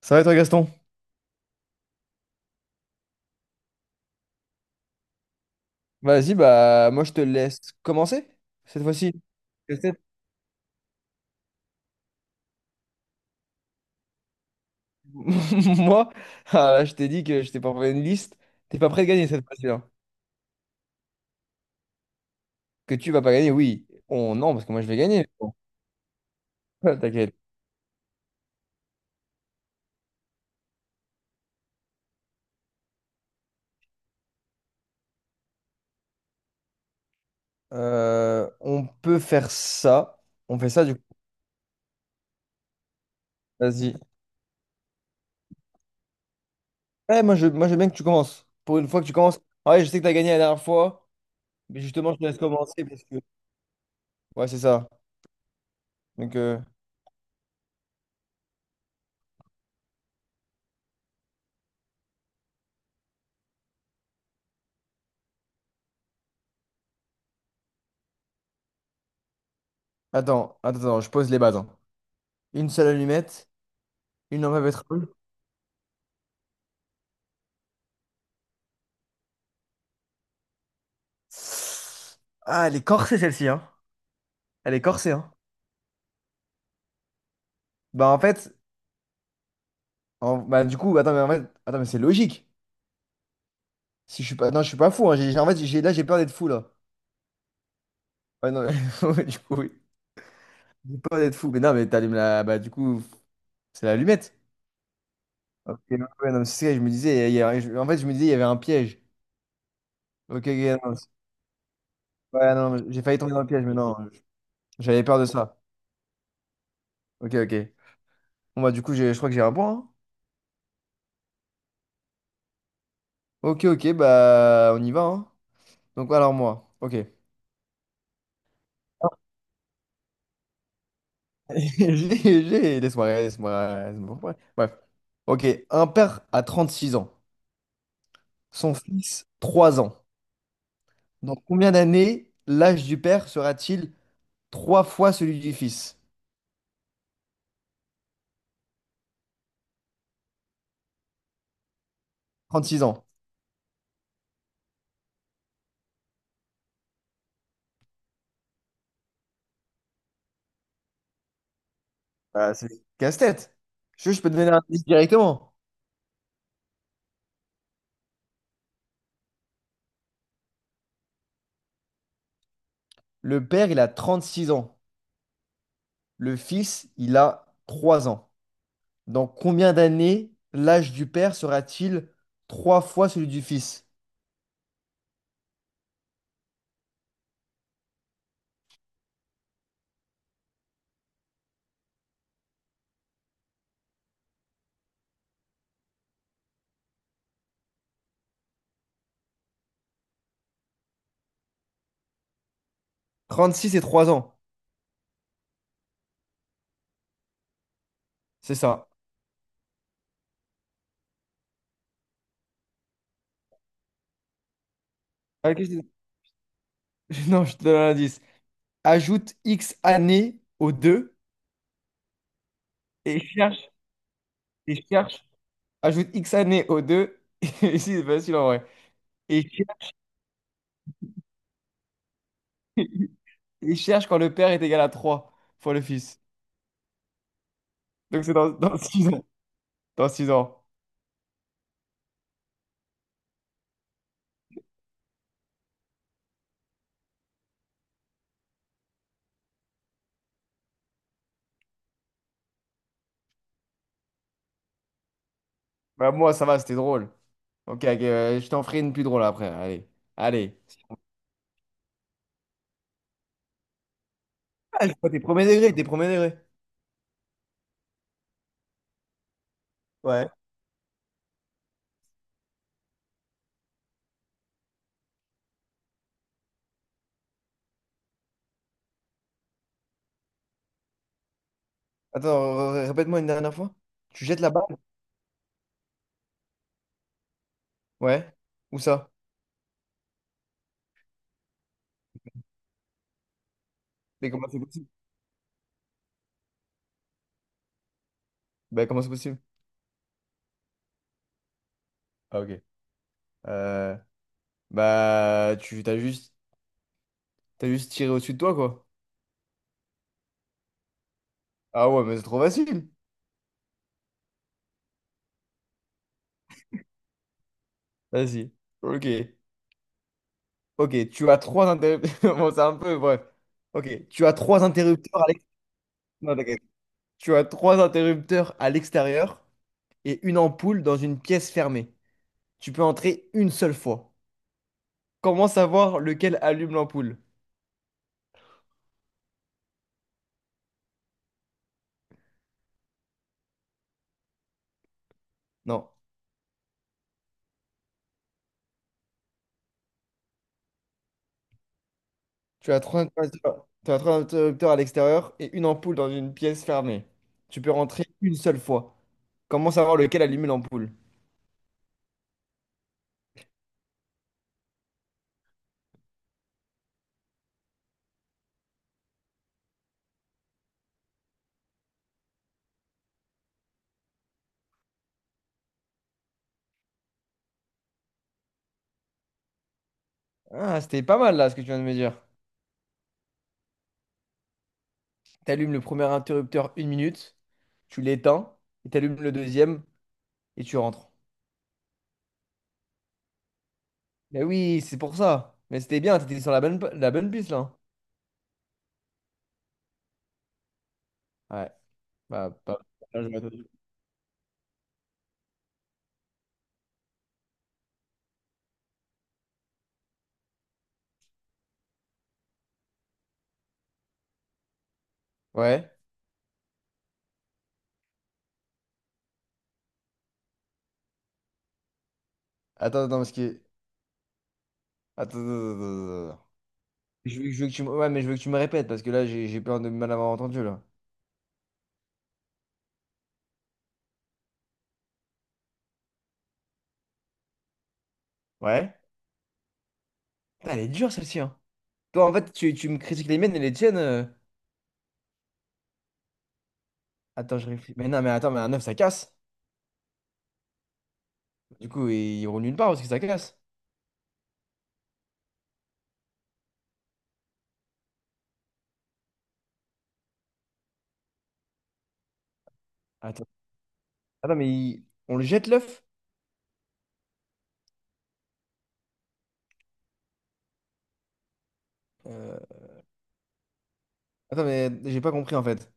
Ça va et toi, Gaston? Vas-y, bah moi je te laisse commencer cette fois-ci. Peut-être. Moi, ah, là, je t'ai dit que je t'ai préparé une liste. T'es pas prêt de gagner cette fois-ci, là. Que tu vas pas gagner, oui. On... Non, parce que moi je vais gagner. Bon, T'inquiète. On peut faire ça. On fait ça du coup. Vas-y. Ouais, moi je veux bien que tu commences. Pour une fois que tu commences. Ah, ouais, je sais que t'as gagné la dernière fois, mais justement je te laisse commencer parce que. Ouais, c'est ça. Donc attends, attends, attends, je pose les bases, hein. Une seule allumette, une lampe à pétrole. Ah, elle est corsée celle-ci, hein. Elle est corsée, hein. Bah en fait, bah du coup, attends, mais en fait, attends, mais c'est logique. Si je suis pas, non, je suis pas fou. Hein. En fait, j'ai là, j'ai peur d'être fou là. Ouais, non, du coup, oui. J'ai peur d'être fou. Mais non, mais bah du coup, c'est l'allumette. Ok, ouais, ouais, non, mais c'est ça. Je me disais, il y a- je- en fait, je me disais, il y avait un piège. Ok, ok, non, ouais, non, mais j'ai failli tomber dans le piège, mais non, j'avais peur de ça. Ok, ok. Bon bah du coup, je crois que j'ai un point, hein. Ok, ok, bah on y va. Hein. Donc alors moi, ok. J'ai, laisse-moi, laisse-moi, laisse-moi, ouais. Bref. Ok, un père a 36 ans, son fils 3 ans. Dans combien d'années l'âge du père sera-t-il 3 fois celui du fils? 36 ans. Bah, c'est casse-tête. Je peux te donner un indice directement. Le père, il a 36 ans. Le fils, il a 3 ans. Dans combien d'années l'âge du père sera-t-il 3 fois celui du fils? 36 et 3 ans. C'est ça. Ah, Non, je te donne un indice. Ajoute X années aux deux et cherche, et cherche. Ajoute X années aux deux. Et si, c'est facile en vrai. Et, et cherche quand le père est égal à 3 fois le fils. Donc c'est dans 6 ans. Dans 6 ans. Bah, moi, ça va, c'était drôle. Ok, ok, je t'en ferai une plus drôle après. Allez. Allez. Oh, t'es premier degré, t'es premier degré. Ouais. Attends, répète-moi une dernière fois. Tu jettes la balle? Ouais. Où ça? Mais comment c'est possible? Bah, comment c'est possible? Ah, ok. Euh, bah, tu t'as juste. T'as juste tiré au-dessus de toi, quoi. Ah ouais, mais c'est trop facile. Vas-y. Ok. Ok, tu as trois interrupteurs. Bon, c'est un peu, bref. Ok, tu as trois interrupteurs non, t'inquiète. Tu as trois interrupteurs à l'extérieur et une ampoule dans une pièce fermée. Tu peux entrer une seule fois. Comment savoir lequel allume l'ampoule? Non. Tu as trois interrupteurs. Tu as trois interrupteurs à l'extérieur et une ampoule dans une pièce fermée. Tu peux rentrer une seule fois. Comment savoir lequel allume l'ampoule? Ah, c'était pas mal là ce que tu viens de me dire. T'allumes le premier interrupteur 1 minute, tu l'éteins, et t'allumes le deuxième, et tu rentres. Mais oui, c'est pour ça. Mais c'était bien, t'étais sur la bonne, la bonne piste là, hein. Ouais, bah, là, j'aurais pas dû. Ouais. Attends, attends, parce que. Attends, attends, attends, attends, attends. Je veux que tu me... Ouais, mais je veux que tu me répètes, parce que là, j'ai peur de mal avoir entendu là. Ouais. Putain, elle est dure celle-ci, hein. Toi, en fait, tu me critiques les miennes et les tiennes. Attends, je réfléchis. Mais non, mais attends, mais un œuf, ça casse. Du coup, il roule nulle part parce que ça casse. Attends, attends, mais on le jette l'œuf? Euh, Attends, mais j'ai pas compris en fait.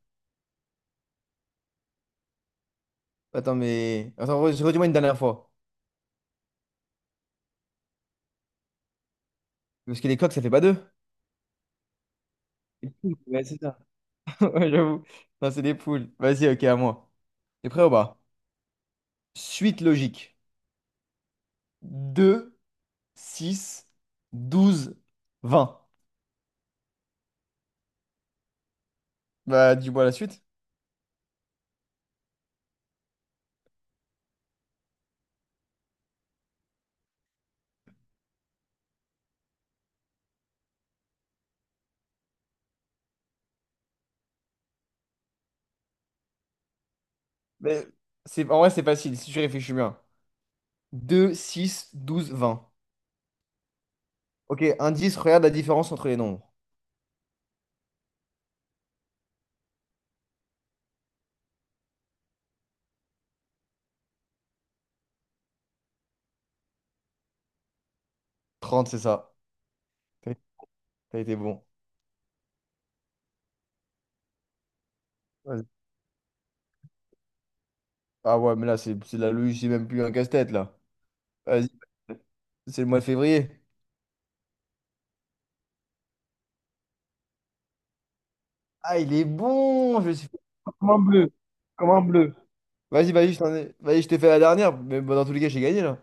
Attends, mais. Attends, redis-moi une dernière fois. Parce que les coqs, ça fait pas deux? Les poules, ouais, c'est ça. Ouais, j'avoue. Non, c'est des poules. Vas-y, ok, à moi. T'es prêt ou pas? Suite logique. 2, 6, 12, 20. Bah, dis-moi la suite. Mais c'est... En vrai, c'est facile si tu réfléchis bien. 2, 6, 12, 20. Ok, indice, regarde la différence entre les nombres. 30 c'est ça. T'as t'as été bon. Vas-y. Ah ouais, mais là, c'est de la logique, c'est même plus un casse-tête, là. Vas-y. C'est le mois de février. Ah, il est bon, je suis... Comme un bleu. Comme un bleu. Vas-y, vas-y, vas-y, je t'ai fait la dernière, mais bon, dans tous les cas, j'ai gagné là.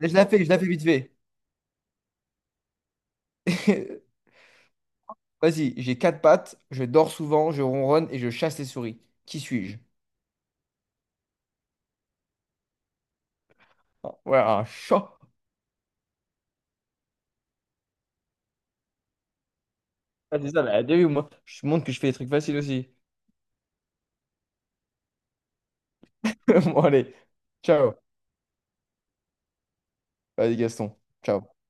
Mais je la fais vite fait. Vas-y, j'ai quatre pattes, je dors souvent, je ronronne et je chasse les souris. Qui suis-je? Ah, ouais, un chat. Ah, c'est ça, la déjà vu, moi. Je te montre que je fais des trucs faciles aussi. Bon, allez. Ciao. Vas-y, Gaston. Ciao.